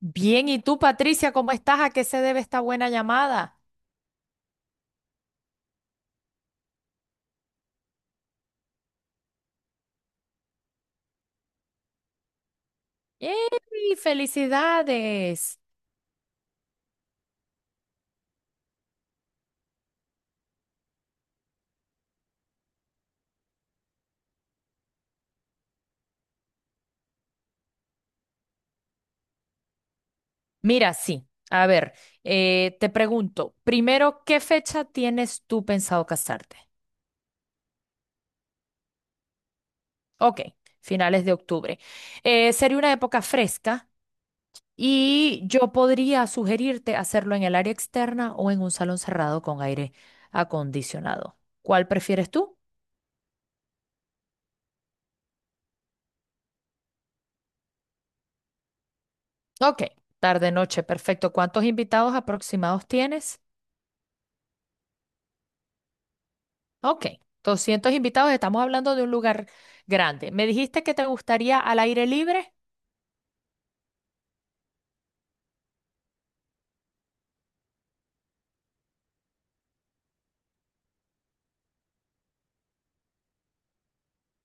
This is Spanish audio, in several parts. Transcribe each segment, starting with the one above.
Bien, ¿y tú, Patricia, cómo estás? ¿A qué se debe esta buena llamada? ¡Ey! ¡Felicidades! Mira, sí. A ver, te pregunto, primero, ¿qué fecha tienes tú pensado casarte? Ok, finales de octubre. Sería una época fresca y yo podría sugerirte hacerlo en el área externa o en un salón cerrado con aire acondicionado. ¿Cuál prefieres tú? Ok, tarde-noche, perfecto. ¿Cuántos invitados aproximados tienes? Ok, 200 invitados, estamos hablando de un lugar grande. ¿Me dijiste que te gustaría al aire libre?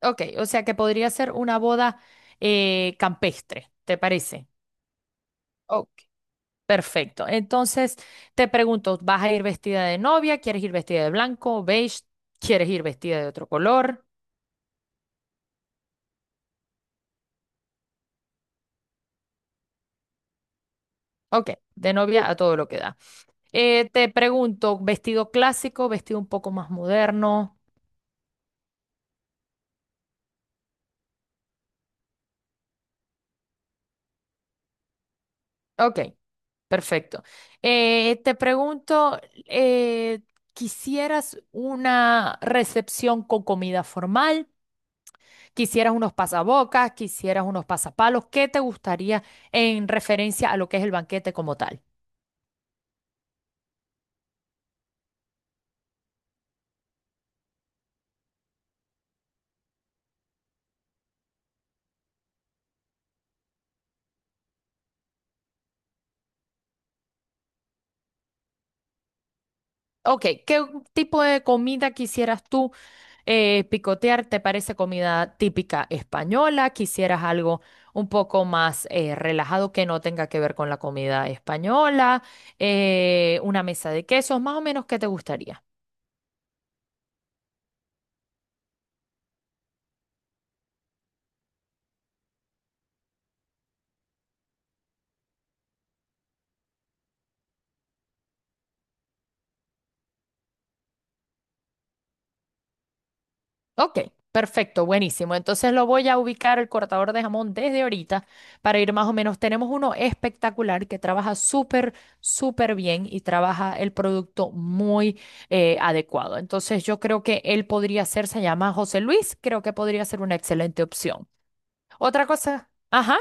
Ok, o sea que podría ser una boda campestre, ¿te parece? Ok, perfecto. Entonces, te pregunto, ¿vas a ir vestida de novia? ¿Quieres ir vestida de blanco, beige? ¿Quieres ir vestida de otro color? Ok, de novia a todo lo que da. Te pregunto, ¿vestido clásico, vestido un poco más moderno? Ok. Perfecto. Te pregunto, ¿quisieras una recepción con comida formal? ¿Quisieras unos pasabocas? ¿Quisieras unos pasapalos? ¿Qué te gustaría en referencia a lo que es el banquete como tal? Ok, ¿qué tipo de comida quisieras tú picotear? ¿Te parece comida típica española? ¿Quisieras algo un poco más relajado que no tenga que ver con la comida española? ¿Una mesa de quesos? Más o menos, ¿qué te gustaría? Ok, perfecto, buenísimo. Entonces lo voy a ubicar el cortador de jamón desde ahorita para ir más o menos. Tenemos uno espectacular que trabaja súper, súper bien y trabaja el producto muy adecuado. Entonces yo creo que él podría ser, se llama José Luis, creo que podría ser una excelente opción. Otra cosa, ajá,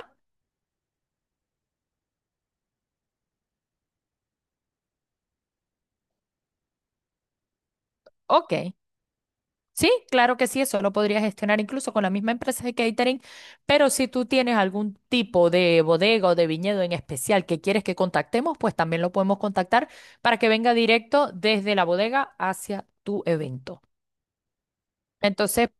ok. Sí, claro que sí, eso lo podrías gestionar incluso con la misma empresa de catering, pero si tú tienes algún tipo de bodega o de viñedo en especial que quieres que contactemos, pues también lo podemos contactar para que venga directo desde la bodega hacia tu evento. Entonces,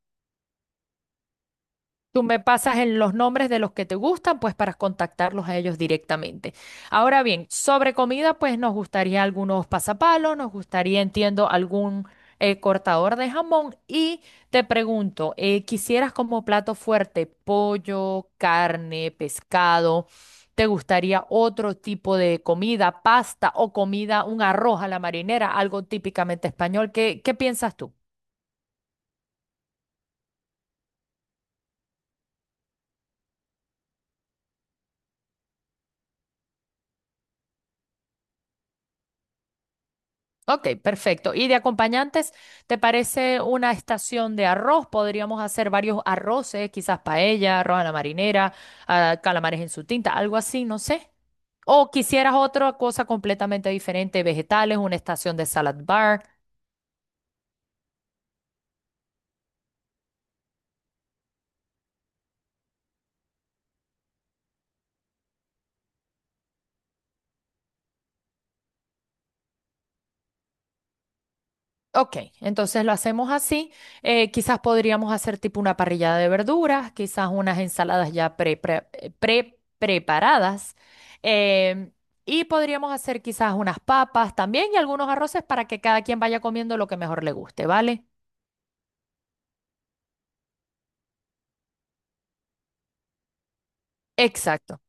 tú me pasas en los nombres de los que te gustan, pues para contactarlos a ellos directamente. Ahora bien, sobre comida, pues nos gustaría algunos pasapalos, nos gustaría, entiendo, algún cortador de jamón. Y te pregunto, ¿quisieras como plato fuerte pollo, carne, pescado? ¿Te gustaría otro tipo de comida, pasta o comida, un arroz a la marinera, algo típicamente español? ¿Qué, qué piensas tú? Ok, perfecto. Y de acompañantes, ¿te parece una estación de arroz? Podríamos hacer varios arroces, quizás paella, arroz a la marinera, ah, calamares en su tinta, algo así, no sé. O quisieras otra cosa completamente diferente, vegetales, una estación de salad bar. Ok, entonces lo hacemos así. Quizás podríamos hacer tipo una parrillada de verduras, quizás unas ensaladas ya preparadas. em, y podríamos hacer quizás unas papas también y algunos arroces para que cada quien vaya comiendo lo que mejor le guste, ¿vale? Exacto.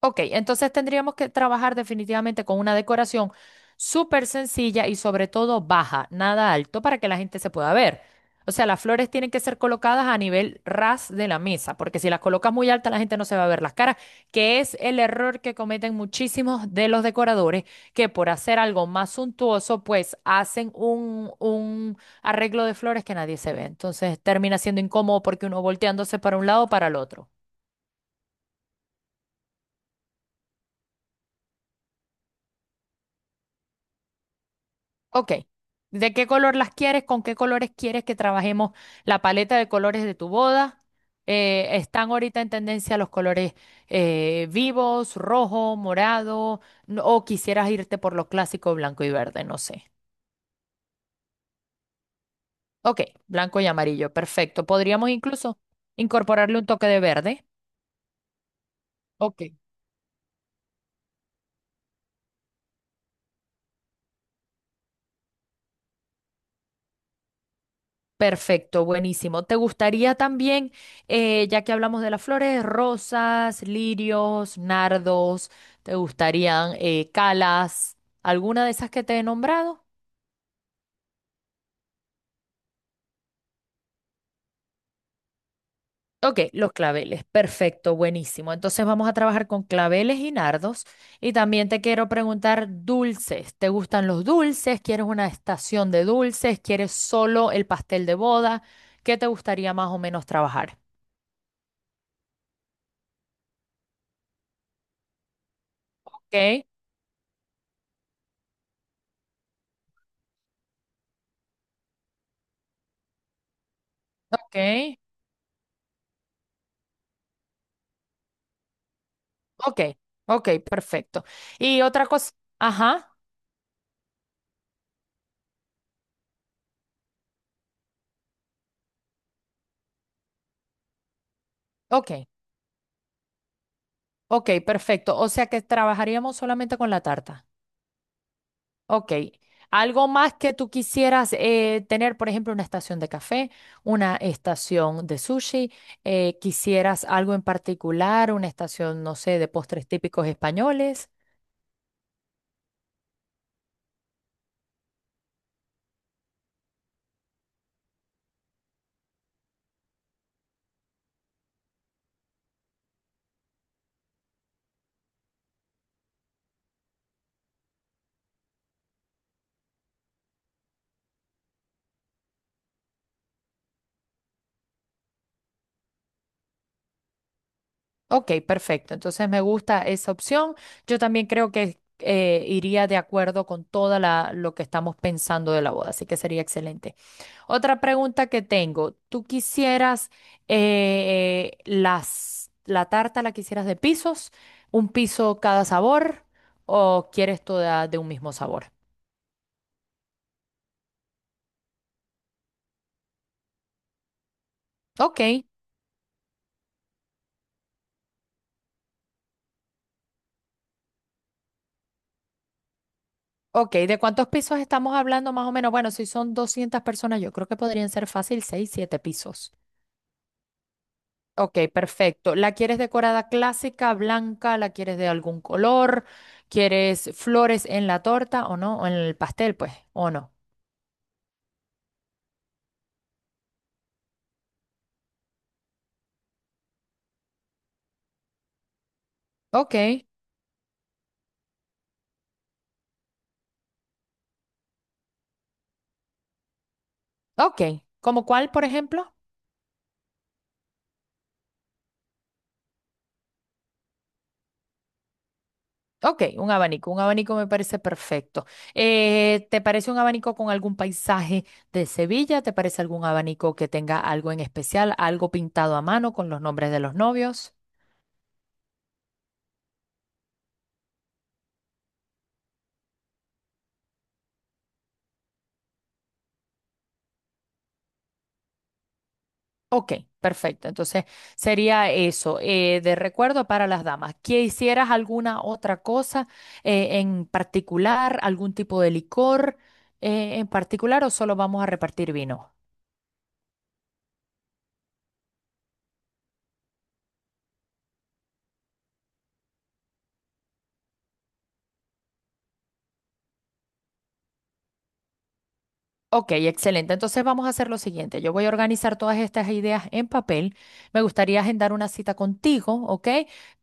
Ok, entonces tendríamos que trabajar definitivamente con una decoración súper sencilla y sobre todo baja, nada alto, para que la gente se pueda ver. O sea, las flores tienen que ser colocadas a nivel ras de la mesa, porque si las colocas muy alta, la gente no se va a ver las caras, que es el error que cometen muchísimos de los decoradores, que por hacer algo más suntuoso, pues hacen un arreglo de flores que nadie se ve. Entonces termina siendo incómodo porque uno volteándose para un lado o para el otro. Ok. ¿De qué color las quieres? ¿Con qué colores quieres que trabajemos la paleta de colores de tu boda? Están ahorita en tendencia los colores vivos, rojo, morado, o quisieras irte por lo clásico blanco y verde, no sé. Ok, blanco y amarillo, perfecto. Podríamos incluso incorporarle un toque de verde. Ok. Perfecto, buenísimo. ¿Te gustaría también, ya que hablamos de las flores, rosas, lirios, nardos, te gustarían calas, alguna de esas que te he nombrado? Ok, los claveles, perfecto, buenísimo. Entonces vamos a trabajar con claveles y nardos. Y también te quiero preguntar dulces. ¿Te gustan los dulces? ¿Quieres una estación de dulces? ¿Quieres solo el pastel de boda? ¿Qué te gustaría más o menos trabajar? Ok, ok. Ok, ok, perfecto. Y otra cosa, ajá, ok, ok, perfecto. O sea que trabajaríamos solamente con la tarta. Ok. ¿Algo más que tú quisieras tener, por ejemplo, una estación de café, una estación de sushi? ¿Quisieras algo en particular, una estación, no sé, de postres típicos españoles? Ok, perfecto. Entonces me gusta esa opción. Yo también creo que iría de acuerdo con toda la, lo que estamos pensando de la boda, así que sería excelente. Otra pregunta que tengo, ¿tú quisieras la tarta la quisieras de pisos, un piso cada sabor o quieres toda de un mismo sabor? Ok, ok, ¿de cuántos pisos estamos hablando más o menos? Bueno, si son 200 personas, yo creo que podrían ser fácil 6, 7 pisos. Ok, perfecto. ¿La quieres decorada clásica, blanca? ¿La quieres de algún color? ¿Quieres flores en la torta o no? ¿O en el pastel, pues? ¿O no? Ok. Ok, ¿como cuál, por ejemplo? Ok, un abanico me parece perfecto. ¿Te parece un abanico con algún paisaje de Sevilla? ¿Te parece algún abanico que tenga algo en especial, algo pintado a mano con los nombres de los novios? Ok, perfecto. Entonces sería eso, de recuerdo para las damas. ¿Quisieras alguna otra cosa en particular, algún tipo de licor en particular o solo vamos a repartir vino? Ok, excelente. Entonces vamos a hacer lo siguiente. Yo voy a organizar todas estas ideas en papel. Me gustaría agendar una cita contigo, ¿ok?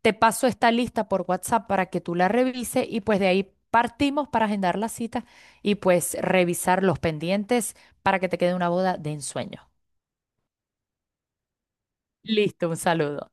Te paso esta lista por WhatsApp para que tú la revises y pues de ahí partimos para agendar la cita y pues revisar los pendientes para que te quede una boda de ensueño. Listo, un saludo.